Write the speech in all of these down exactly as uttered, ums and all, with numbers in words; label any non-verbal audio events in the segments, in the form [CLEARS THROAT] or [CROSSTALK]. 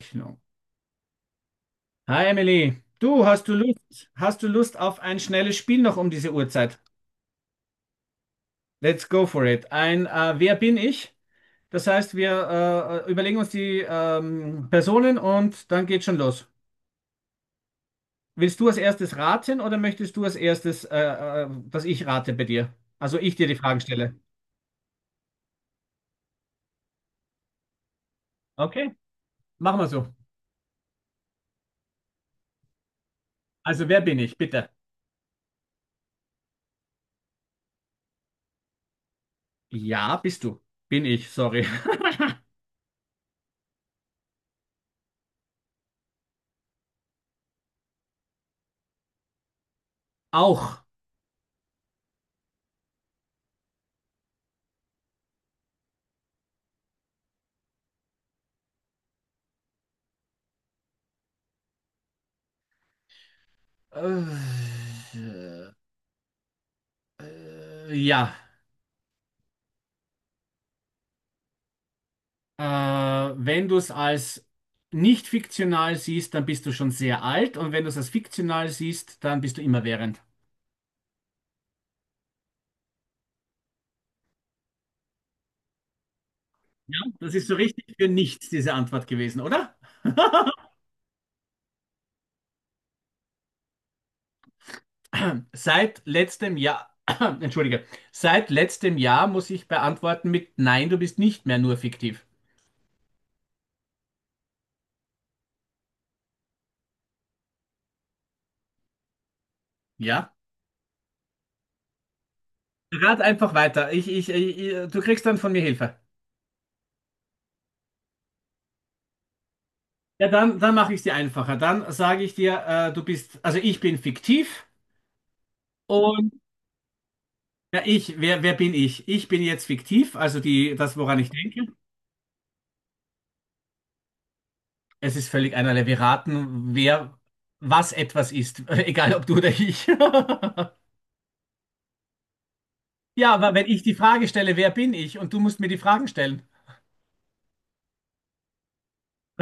Genau. Hi Emily, du hast du Lust, hast du Lust auf ein schnelles Spiel noch um diese Uhrzeit? Let's go for it. Ein äh, Wer bin ich? Das heißt, wir äh, überlegen uns die ähm, Personen und dann geht schon los. Willst du als erstes raten oder möchtest du als erstes, äh, äh, dass ich rate bei dir? Also ich dir die Fragen stelle. Okay, machen wir so. Also, wer bin ich, bitte? Ja, bist du. Bin ich, sorry. [LAUGHS] Auch. Äh, äh, ja. Äh, wenn du es als nicht fiktional siehst, dann bist du schon sehr alt und wenn du es als fiktional siehst, dann bist du immerwährend. Ja, das ist so richtig für nichts, diese Antwort gewesen, oder? [LAUGHS] Seit letztem Jahr, [CLEARS THROAT] [COUGHS] entschuldige, seit letztem Jahr muss ich beantworten mit Nein, du bist nicht mehr nur fiktiv. Ja? Rat einfach weiter. Ich, ich, ich, du kriegst dann von mir Hilfe. Ja, dann, dann mache ich es dir einfacher. Dann sage ich dir, äh, du bist, also ich bin fiktiv. und Ja, ich, wer, wer bin ich? Ich bin jetzt fiktiv, also die, das, woran ich denke. Es ist völlig einerlei. Wir raten, wer was etwas ist, [LAUGHS] egal ob du oder ich. [LAUGHS] Ja, aber wenn ich die Frage stelle, wer bin ich? Und du musst mir die Fragen stellen.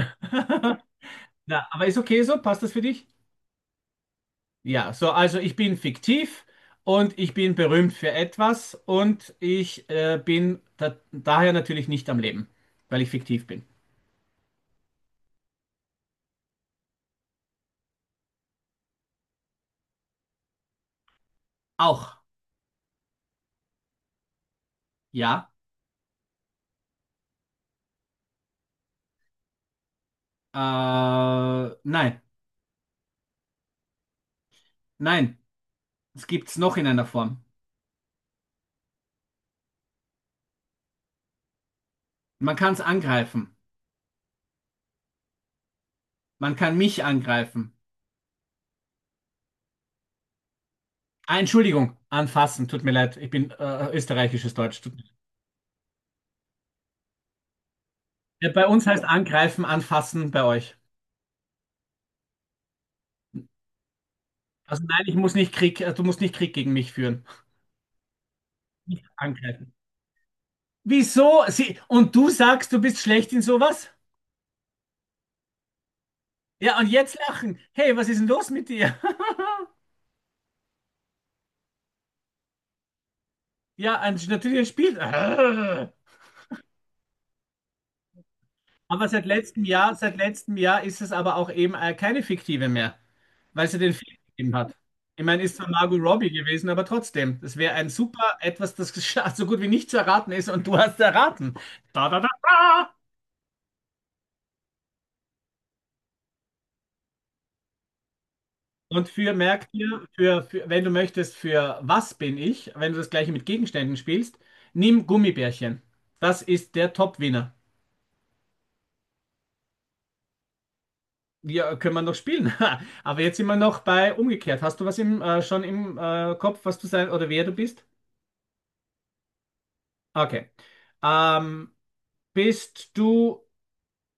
[LAUGHS] Na, aber ist okay so? Passt das für dich? Ja, so, also ich bin fiktiv und ich bin berühmt für etwas und ich äh, bin da, daher natürlich nicht am Leben, weil ich fiktiv bin. Auch, ja. Äh, nein, nein. Was gibt's noch in einer Form? Man kann es angreifen. Man kann mich angreifen. Ah, Entschuldigung, anfassen. Tut mir leid, ich bin äh, österreichisches Deutsch. Tut mir leid. Ja, bei uns heißt angreifen, anfassen bei euch. Also nein, ich muss nicht Krieg, äh, du musst nicht Krieg gegen mich führen. Nicht angreifen. Wieso? Sie, und du sagst, du bist schlecht in sowas? Ja, und jetzt lachen. Hey, was ist denn los mit dir? [LAUGHS] Ja, ein, natürlich ein Spiel. [LAUGHS] Aber seit letztem Jahr, seit letztem Jahr ist es aber auch eben äh, keine fiktive mehr, weil sie den Film gegeben hat. Ich meine, ist zwar Margot Robbie gewesen, aber trotzdem. Das wäre ein super etwas, das [LAUGHS] gesch- so gut wie nicht zu erraten ist und du hast erraten. Da, da, da. Und für, merk dir, für, für, wenn du möchtest, für was bin ich, wenn du das gleiche mit Gegenständen spielst, nimm Gummibärchen. Das ist der Top-Winner. Ja, können wir noch spielen. [LAUGHS] Aber jetzt sind wir noch bei umgekehrt. Hast du was im, äh, schon im äh, Kopf, was du sein oder wer du bist? Okay. Ähm, Bist du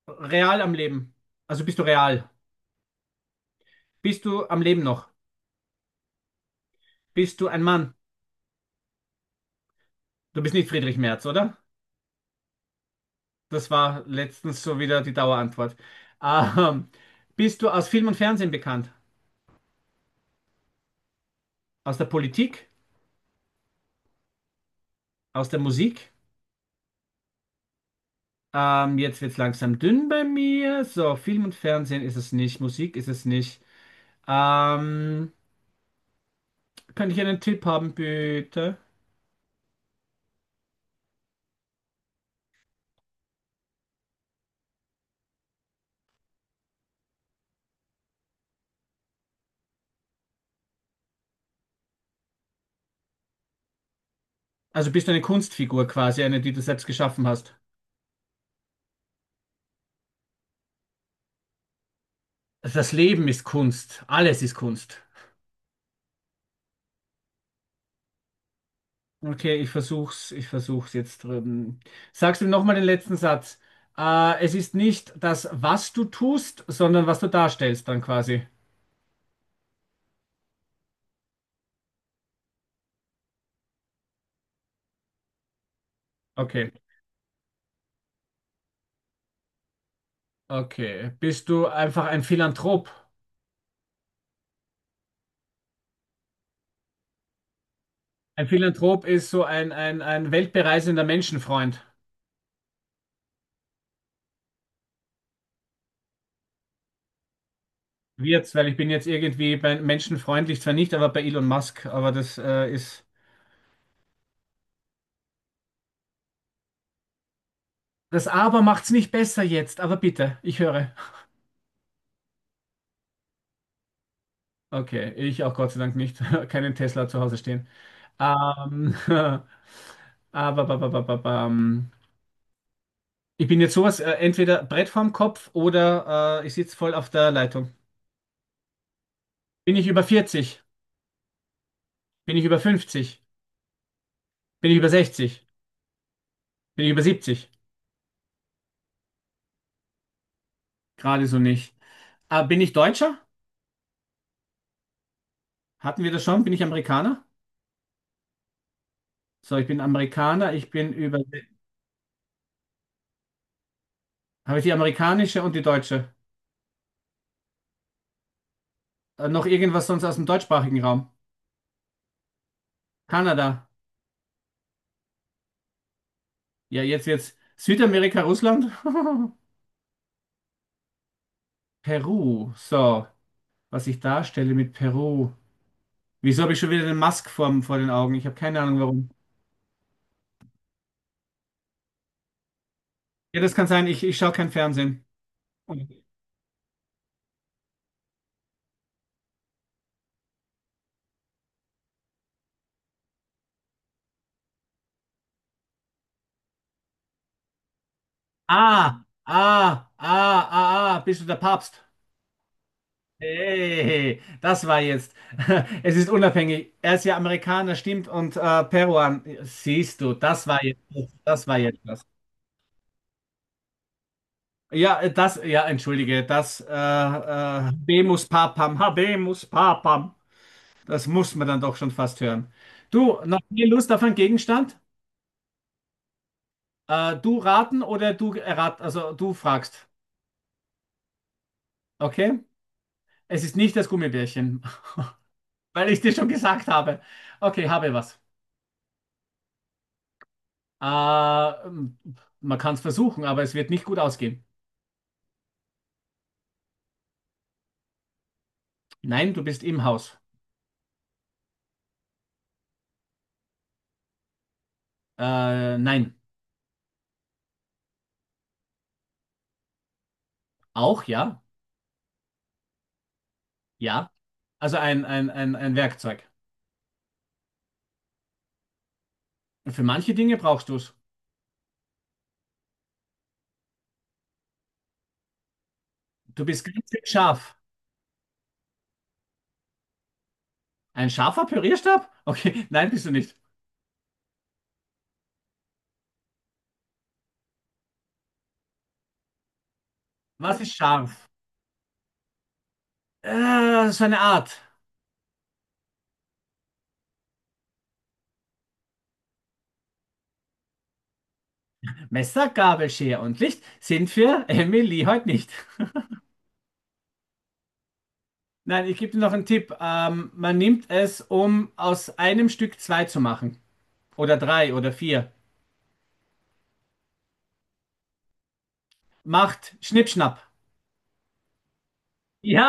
real am Leben. Also bist du real? Bist du am Leben noch? Bist du ein Mann? Du bist nicht Friedrich Merz, oder? Das war letztens so wieder die Dauerantwort. Ähm, Bist du aus Film und Fernsehen bekannt? Aus der Politik? Aus der Musik? Ähm, jetzt wird's langsam dünn bei mir. So, Film und Fernsehen ist es nicht, Musik ist es nicht. Ähm, Könnte ich einen Tipp haben, bitte? Also bist du eine Kunstfigur quasi, eine, die du selbst geschaffen hast. Das Leben ist Kunst. Alles ist Kunst. Okay, ich versuch's, ich versuch's jetzt drüben. Sagst du mir nochmal den letzten Satz? Äh, es ist nicht das, was du tust, sondern was du darstellst dann quasi. Okay, okay. Bist du einfach ein Philanthrop? Ein Philanthrop ist so ein, ein, ein weltbereisender Menschenfreund. Wird's, weil ich bin jetzt irgendwie bei menschenfreundlich zwar nicht, aber bei Elon Musk, aber das äh, ist. Das Aber macht's nicht besser jetzt, aber bitte, ich höre. Okay, ich auch Gott sei Dank nicht. [LAUGHS] Keinen Tesla zu Hause stehen. Ähm, [LAUGHS] Aber ba- ba- ba- ba- bam. Ich bin jetzt sowas, äh, entweder Brett vorm Kopf oder äh, ich sitze voll auf der Leitung. Bin ich über vierzig? Bin ich über fünfzig? Bin ich über sechzig? Bin ich über siebzig? Gerade so nicht. Ah, bin ich Deutscher? Hatten wir das schon? Bin ich Amerikaner? So, ich bin Amerikaner, ich bin über. Habe ich die amerikanische und die deutsche? Äh, noch irgendwas sonst aus dem deutschsprachigen Raum? Kanada. Ja, jetzt jetzt. Südamerika, Russland? [LAUGHS] Peru. So, was ich darstelle mit Peru. Wieso habe ich schon wieder den Musk vor, vor den Augen? Ich habe keine Ahnung warum. Ja, das kann sein. Ich, ich schaue kein Fernsehen. Ah, ah, ah, ah, ah, bist du der Papst? Hey, das war jetzt. [LAUGHS] Es ist unabhängig. Er ist ja Amerikaner, stimmt, und äh, Peruan. Siehst du, das war jetzt, das war jetzt was. Ja, äh, das, ja, entschuldige, das, äh, äh, Habemus Papam, Habemus Papam. Das muss man dann doch schon fast hören. Du, noch mehr Lust auf einen Gegenstand? Äh, du raten oder du errat, also du fragst. Okay? Es ist nicht das Gummibärchen, [LAUGHS] weil ich dir schon gesagt habe. Okay, habe was. Äh, m- Man kann es versuchen, aber es wird nicht gut ausgehen. Nein, du bist im Haus. Äh, nein. Auch ja. Ja. Also ein, ein, ein, ein Werkzeug. Für manche Dinge brauchst du es. Du bist ganz schön scharf. Ein scharfer Pürierstab? Okay, [LAUGHS] nein, bist du nicht. Was ist scharf? Äh, so eine Art. Messer, Gabel, Schere und Licht sind für Emily heute nicht. [LAUGHS] Nein, ich gebe dir noch einen Tipp. Ähm, man nimmt es, um aus einem Stück zwei zu machen. Oder drei oder vier. Macht Schnippschnapp. Ja!